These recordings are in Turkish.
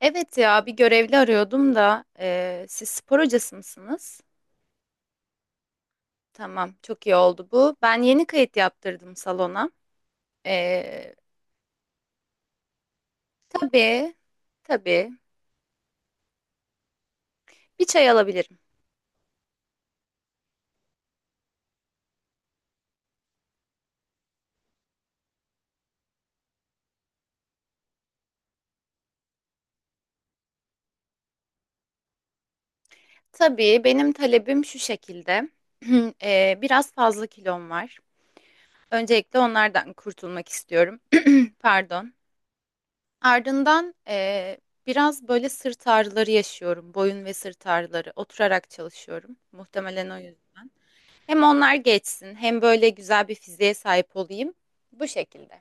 Evet ya bir görevli arıyordum da siz spor hocası mısınız? Tamam, çok iyi oldu bu. Ben yeni kayıt yaptırdım salona. Eee tabii, tabii, bir çay alabilirim. Tabii, benim talebim şu şekilde. Biraz fazla kilom var. Öncelikle onlardan kurtulmak istiyorum. Pardon. Ardından, biraz böyle sırt ağrıları yaşıyorum. Boyun ve sırt ağrıları. Oturarak çalışıyorum. Muhtemelen o yüzden. Hem onlar geçsin, hem böyle güzel bir fiziğe sahip olayım. Bu şekilde.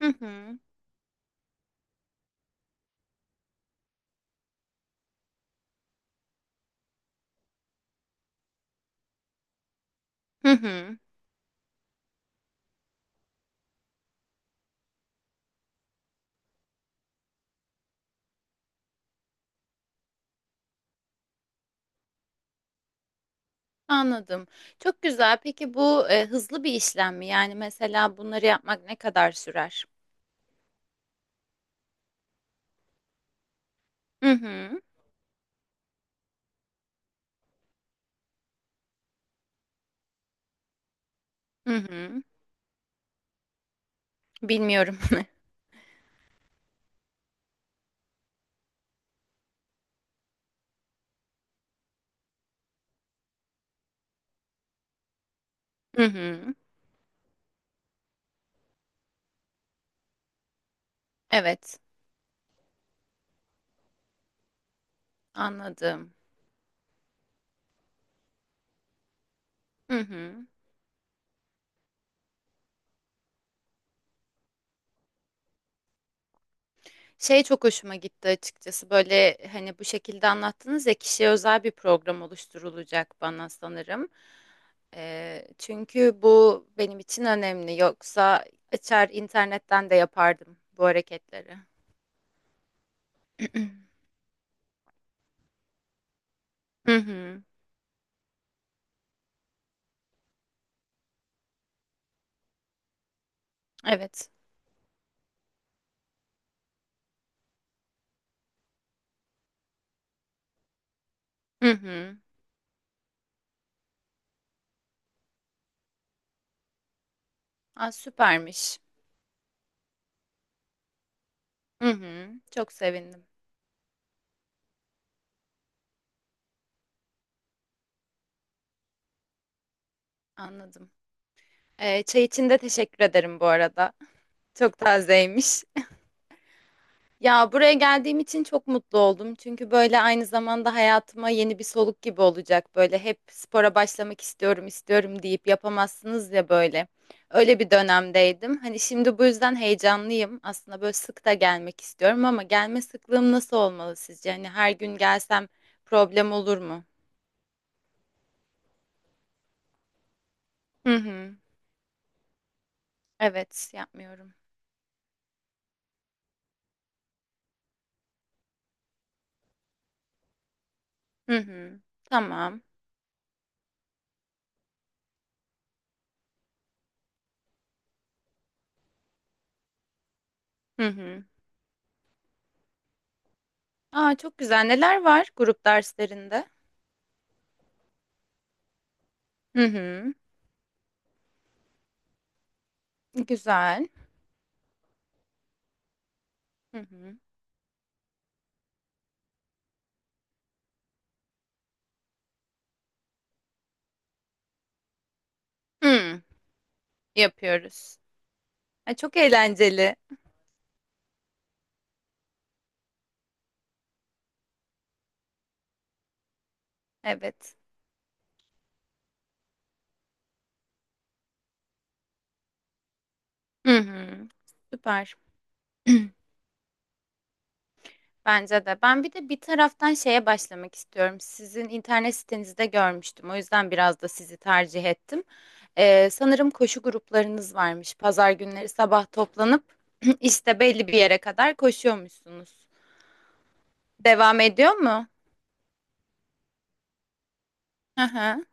Hı hı. Hı hı. Anladım. Çok güzel. Peki bu hızlı bir işlem mi? Yani mesela bunları yapmak ne kadar sürer? Hı hı. Hı hı. Bilmiyorum. Hı hı. Evet. Anladım. Hı hı. Şey, çok hoşuma gitti açıkçası, böyle hani bu şekilde anlattınız ya, kişiye özel bir program oluşturulacak bana sanırım. Çünkü bu benim için önemli, yoksa açar internetten de yapardım bu hareketleri. Hı hı, evet. Hı hı. Aa, süpermiş. Hı hı. Çok sevindim. Anladım. Çay için de teşekkür ederim bu arada. Çok tazeymiş. Ya, buraya geldiğim için çok mutlu oldum. Çünkü böyle aynı zamanda hayatıma yeni bir soluk gibi olacak. Böyle hep spora başlamak istiyorum, istiyorum deyip yapamazsınız ya böyle. Öyle bir dönemdeydim. Hani şimdi bu yüzden heyecanlıyım. Aslında böyle sık da gelmek istiyorum ama gelme sıklığım nasıl olmalı sizce? Hani her gün gelsem problem olur mu? Hı hı. Evet, yapmıyorum. Hı hı. Tamam. Hı hı. Aa, çok güzel. Neler var grup derslerinde? Hı hı. Güzel. Hı hı. Hmm, yapıyoruz. Ay, çok eğlenceli. Evet. Hı hı. Süper. Bence de. Ben bir de bir taraftan şeye başlamak istiyorum. Sizin internet sitenizde görmüştüm. O yüzden biraz da sizi tercih ettim. Sanırım koşu gruplarınız varmış. Pazar günleri sabah toplanıp işte belli bir yere kadar koşuyormuşsunuz. Devam ediyor mu? Hı hı.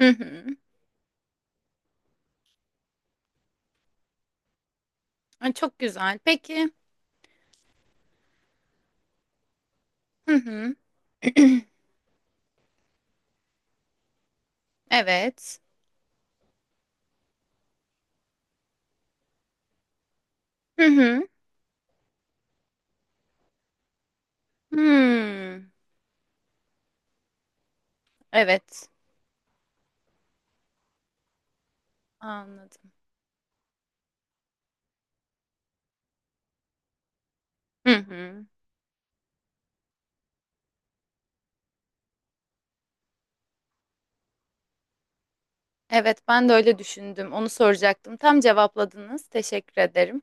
Hı hı. Ay, çok güzel. Peki. Hı hı. Evet. Hı hı. Hmm. Evet. Anladım. Hı hı. Evet, ben de öyle düşündüm. Onu soracaktım. Tam cevapladınız. Teşekkür ederim.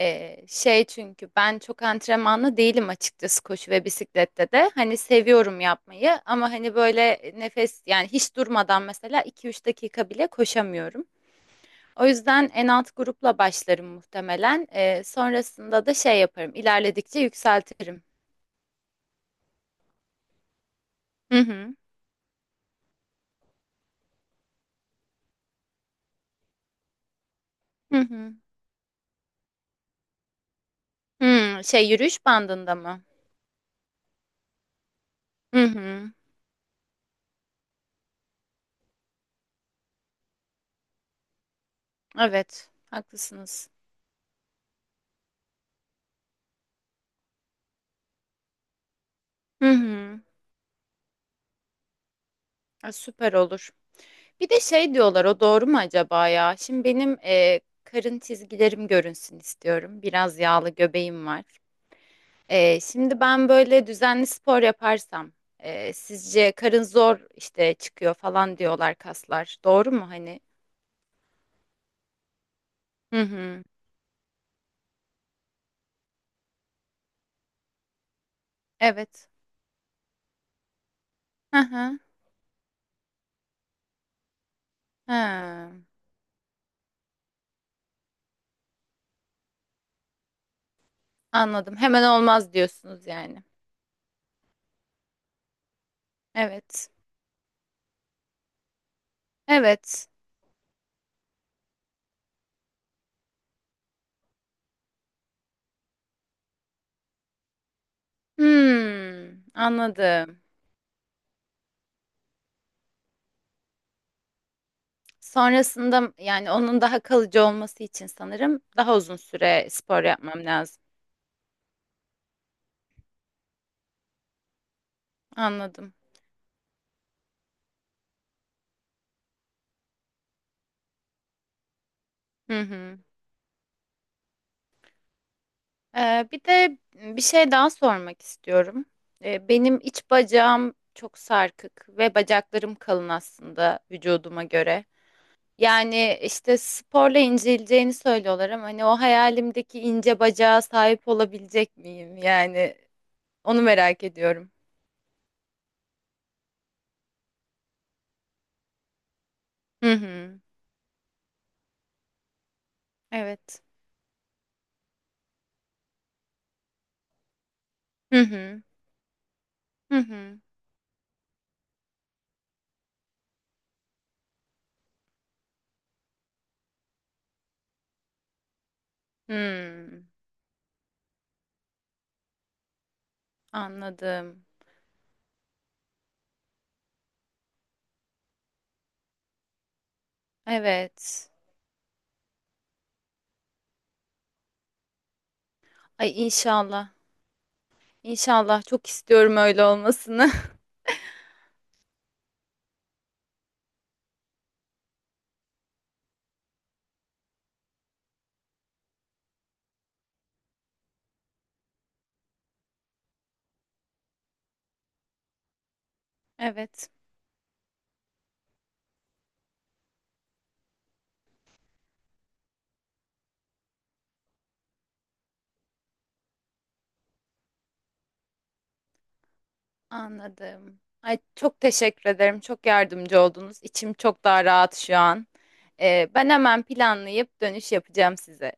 Şey, çünkü ben çok antrenmanlı değilim açıkçası, koşu ve bisiklette de. Hani seviyorum yapmayı ama hani böyle nefes, yani hiç durmadan mesela 2-3 dakika bile koşamıyorum. O yüzden en alt grupla başlarım muhtemelen. Sonrasında da şey yaparım. İlerledikçe yükseltirim. Hı hı. Hı hı. Hı, şey, yürüyüş bandında mı? Hı hı. Evet, haklısınız. Hı hı. Ha, süper olur. Bir de şey diyorlar, o doğru mu acaba ya? Şimdi benim karın çizgilerim görünsün istiyorum. Biraz yağlı göbeğim var. E, şimdi ben böyle düzenli spor yaparsam sizce karın zor işte çıkıyor falan diyorlar kaslar. Doğru mu hani? Hı hı. Evet. Hı hı. Ha. Anladım. Hemen olmaz diyorsunuz yani. Evet. Evet. Hmm, anladım. Sonrasında, yani onun daha kalıcı olması için sanırım daha uzun süre spor yapmam lazım. Anladım. Hı hı. Bir de bir şey daha sormak istiyorum. Benim iç bacağım çok sarkık ve bacaklarım kalın aslında vücuduma göre. Yani işte sporla inceleceğini söylüyorlar ama hani o hayalimdeki ince bacağa sahip olabilecek miyim? Yani onu merak ediyorum. Hı hı. Evet. Hı hı. Hı hı. Hmm. Anladım. Evet. Ay, inşallah. İnşallah, çok istiyorum öyle olmasını. Evet. Anladım. Ay, çok teşekkür ederim. Çok yardımcı oldunuz. İçim çok daha rahat şu an. Ben hemen planlayıp dönüş yapacağım size.